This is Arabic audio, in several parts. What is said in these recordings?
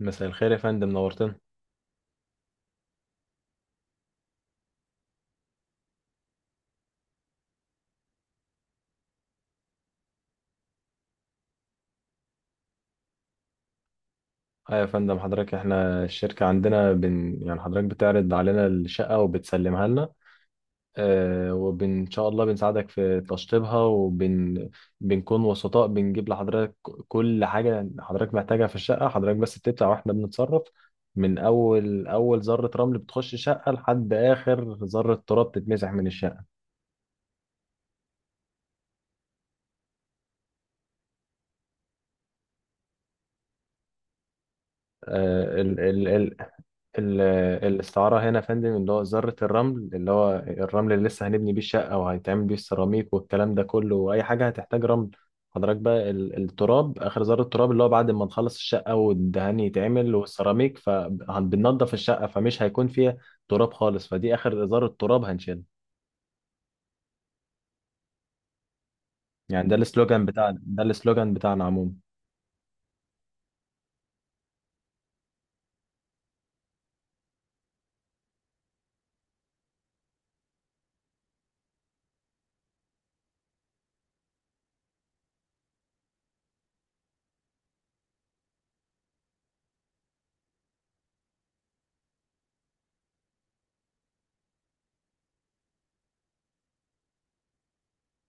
مساء الخير يا فندم، نورتنا. اه يا فندم، حضرتك احنا الشركة عندنا بن يعني حضرتك بتعرض علينا الشقة وبتسلمها لنا، اه ان شاء الله بنساعدك في تشطيبها بنكون وسطاء، بنجيب لحضرتك كل حاجة حضرتك محتاجها في الشقة. حضرتك بس بتدفع واحنا بنتصرف من اول ذرة رمل بتخش الشقة لحد اخر ذرة تراب تتمسح من الشقة. ال- الاستعارة هنا يا فندم اللي هو ذرة الرمل، اللي هو الرمل اللي لسه هنبني بيه الشقة وهيتعمل بيه السيراميك والكلام ده كله وأي حاجة هتحتاج رمل. حضرتك بقى التراب، آخر ذرة تراب، اللي هو بعد ما نخلص الشقة والدهان يتعمل والسيراميك فبننضف الشقة فمش هيكون فيها تراب خالص، فدي آخر ذرة تراب هنشيلها. يعني ده السلوجان بتاعنا، ده السلوجان بتاعنا عموما.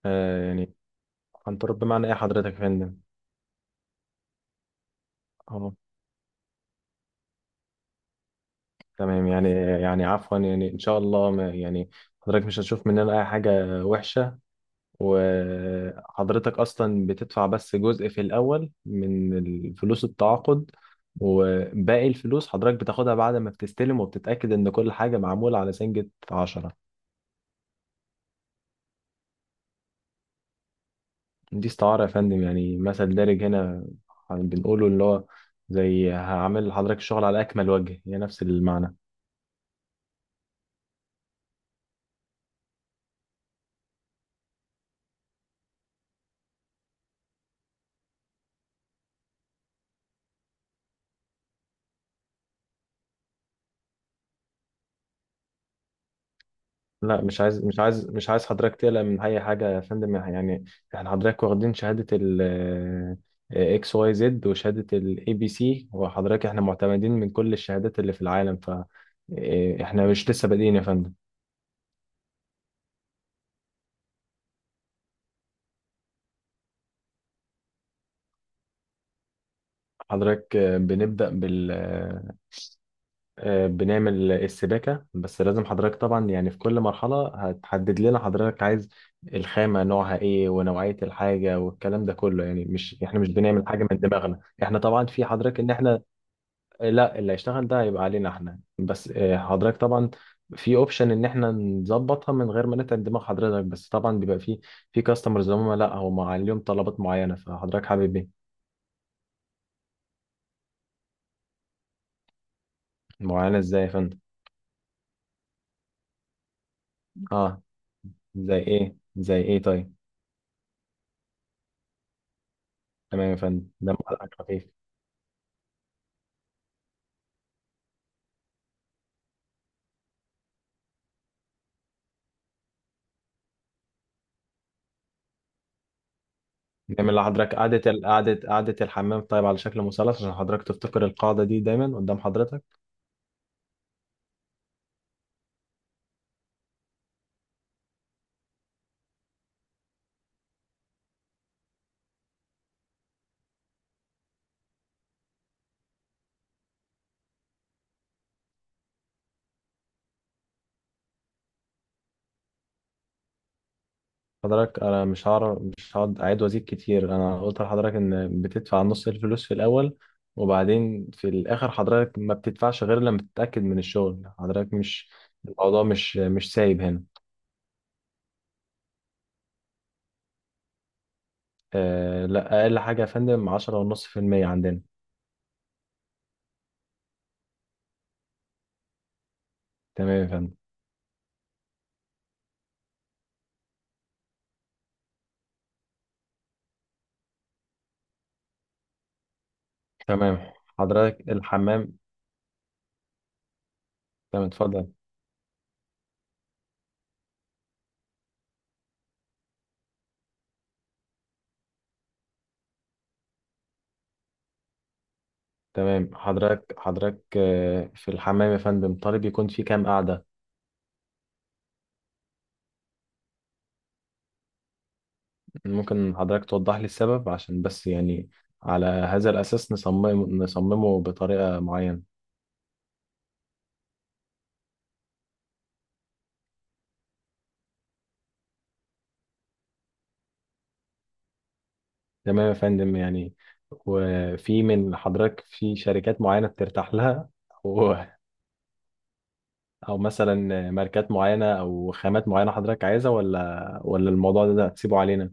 آه يعني، عن تراب بمعنى إيه حضرتك يا فندم؟ آه. تمام يعني، يعني عفوا يعني ان شاء الله ما يعني حضرتك مش هتشوف مننا اي حاجه وحشه، وحضرتك اصلا بتدفع بس جزء في الاول من فلوس التعاقد، وباقي الفلوس حضرتك بتاخدها بعد ما بتستلم وبتتاكد ان كل حاجه معموله على سنجة عشرة. دي استعاره يا فندم، يعني مثل دارج هنا بنقوله، اللي هو زي هعمل لحضرتك الشغل على اكمل وجه، هي نفس المعنى. لا، مش عايز حضرتك تقلق من اي حاجه يا فندم، يعني احنا حضرتك واخدين شهاده ال XYZ وشهاده ABC، وحضرتك احنا معتمدين من كل الشهادات اللي في العالم. ف احنا مش لسه بادئين يا فندم. حضرتك بنبدا بال آه، بنعمل السباكه. بس لازم حضرتك طبعا يعني في كل مرحله هتحدد لنا حضرتك عايز الخامه نوعها ايه ونوعيه الحاجه والكلام ده كله. يعني مش احنا مش بنعمل حاجه من دماغنا، احنا طبعا في حضرتك ان احنا لا، اللي هيشتغل ده هيبقى علينا احنا بس. حضرتك طبعا في اوبشن ان احنا نظبطها من غير ما نتعب دماغ حضرتك، بس طبعا بيبقى في كاستمرز هم، لا هم عليهم طلبات معينه، فحضرتك حابب ايه؟ معينه ازاي يا فندم؟ اه، زي ايه؟ زي ايه طيب. تمام يا فندم، دم حضرتك خفيف. نعمل لحضرتك قعده الحمام طيب على شكل مثلث عشان حضرتك تفتكر القاعده دي دايما قدام حضرتك. حضرتك انا مش هعرف، مش هقعد اعيد وازيد كتير. انا قلت لحضرتك ان بتدفع نص الفلوس في الاول وبعدين في الاخر حضرتك ما بتدفعش غير لما تتاكد من الشغل. حضرتك مش الموضوع مش سايب هنا. آه لا، اقل حاجه يا فندم 10 ونص في المية عندنا. تمام يا فندم. تمام حضرتك، الحمام. تمام اتفضل. تمام حضرتك، حضرتك في الحمام يا فندم طالب يكون في كام قعده؟ ممكن حضرتك توضح لي السبب، عشان بس يعني على هذا الأساس نصممه بطريقة معينة. تمام يا فندم، يعني وفي من حضرتك في شركات معينة بترتاح لها؟ أو أو مثلا ماركات معينة أو خامات معينة حضرتك عايزها، ولا الموضوع ده هتسيبه علينا؟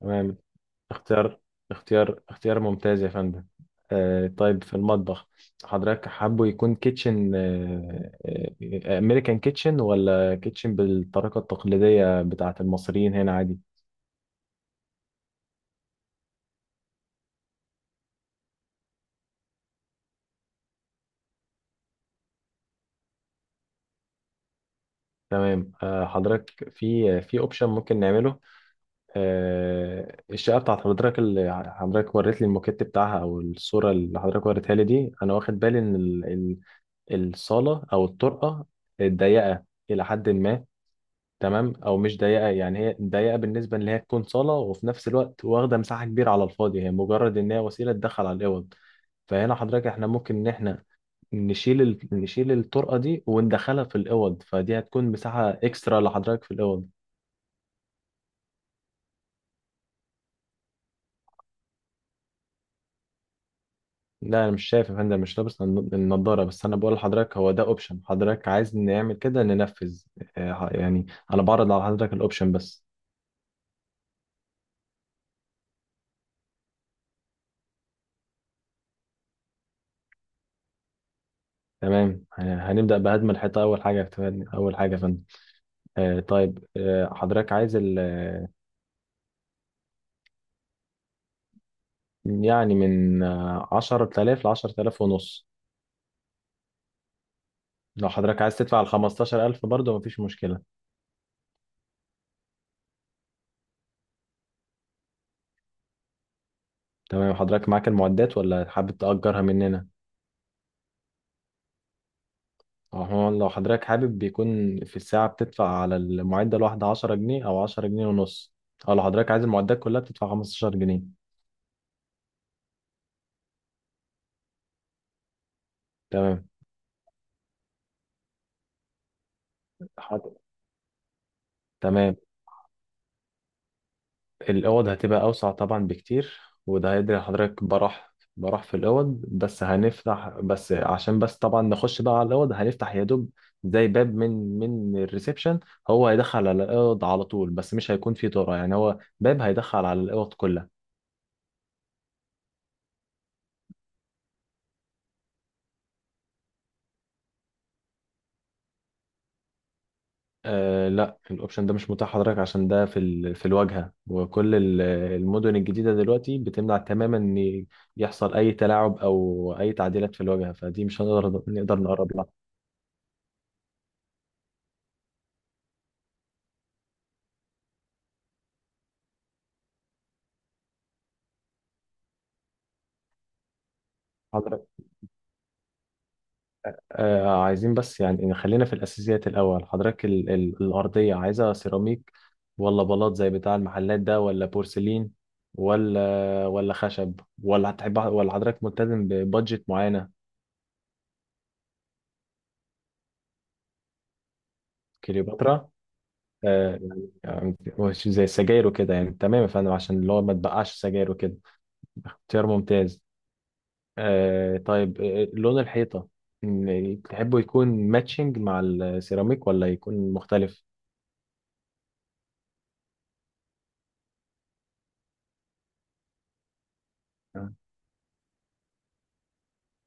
تمام. اختيار اختيار ممتاز يا فندم. آه طيب، في المطبخ حضرتك حابه يكون كيتشن، امريكان كيتشن ولا كيتشن بالطريقة التقليدية بتاعة المصريين هنا عادي؟ تمام. آه حضرتك، في اوبشن ممكن نعمله. آه الشقة بتاعت حضرتك اللي حضرتك وريت لي الموكيت بتاعها، او الصورة اللي حضرتك وريتها لي دي، انا واخد بالي ان الصالة او الطرقة ضيقة إلى حد ما. تمام، او مش ضيقه، يعني هي ضيقه بالنسبه ان هي تكون صاله وفي نفس الوقت واخده مساحه كبيره على الفاضي، هي مجرد ان هي وسيله تدخل على الاوض. فهنا حضرتك، احنا ممكن ان احنا نشيل ال نشيل الطرقه دي وندخلها في الاوض، فدي هتكون مساحه اكسترا لحضرتك في الاوض. لا انا مش شايف يا فندم، مش لابس النضاره، بس انا بقول لحضرتك هو ده اوبشن، حضرتك عايز نعمل كده ننفذ. يعني انا بعرض على حضرتك الاوبشن بس. تمام، هنبدا بهدم الحيطه اول حاجه، اول حاجه يا فندم. طيب حضرتك عايز ال آه، يعني من 10,000 لـ10,500، لو حضرتك عايز تدفع الـ15,000 برضه مفيش مشكلة. تمام. حضرتك معاك المعدات ولا حابب تأجرها مننا؟ أو هو لو حضرتك حابب بيكون في الساعة بتدفع على المعدة الواحدة 10 جنيه أو 10.5 جنيه، أو لو حضرتك عايز المعدات كلها بتدفع 15 جنيه. تمام. حاضر. تمام، الأوض هتبقى أوسع طبعا بكتير، وده هيدري حضرتك براح براح في الأوض، بس هنفتح بس عشان بس طبعا نخش بقى على الأوض، هنفتح يا دوب زي باب من الريسبشن. هو هيدخل على الأوض على طول، بس مش هيكون فيه طرق، يعني هو باب هيدخل على الأوض كلها. آه لا، الأوبشن ده مش متاح حضرتك، عشان ده في ال في الواجهة، وكل المدن الجديدة دلوقتي بتمنع تماما إن يحصل أي تلاعب أو أي تعديلات في الواجهة، فدي مش هنقدر نقدر نقرب لها. حضرتك عايزين بس يعني نخلينا في الأساسيات الأول. حضرتك ال ال الأرضية عايزة سيراميك ولا بلاط زي بتاع المحلات ده ولا بورسلين ولا خشب ولا هتحب، ولا حضرتك ملتزم ببادجت معينة؟ كليوباترا. آه يعني، يعني مش زي السجاير وكده يعني، تمام يا فندم، عشان اللي هو ما تبقعش سجاير وكده. اختيار ممتاز. آه طيب، آه لون الحيطة، تحبه يكون ماتشنج مع السيراميك ولا يكون مختلف؟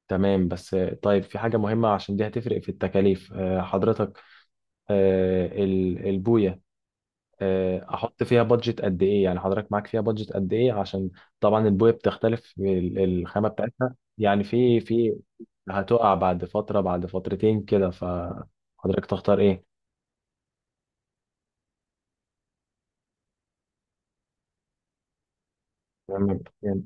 تمام بس. طيب في حاجة مهمة عشان دي هتفرق في التكاليف، حضرتك البوية أحط فيها بادجت قد إيه؟ يعني حضرتك معاك فيها بادجت قد إيه؟ عشان طبعا البوية بتختلف الخامة بتاعتها يعني في هتقع بعد فترة بعد فترتين كده، فحضرتك تختار إيه؟ تمام. يعني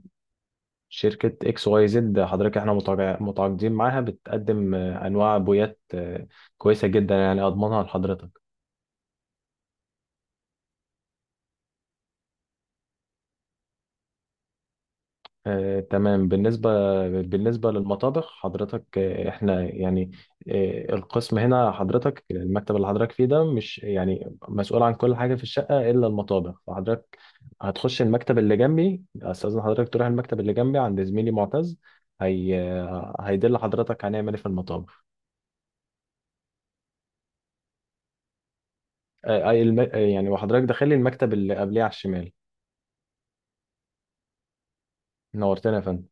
شركة XYZ حضرتك احنا متعاقدين معاها، بتقدم أنواع بويات كويسة جدا يعني أضمنها لحضرتك. تمام. بالنسبة للمطابخ حضرتك احنا يعني القسم هنا حضرتك، المكتب اللي حضرتك فيه ده مش يعني مسؤول عن كل حاجة في الشقة إلا المطابخ، فحضرتك هتخش المكتب اللي جنبي، أستاذن حضرتك تروح المكتب اللي جنبي عند زميلي معتز، هي هيدل حضرتك هنعمل إيه في المطابخ. يعني وحضرتك داخلي المكتب اللي قبليه على الشمال. نورتنا يا فندم.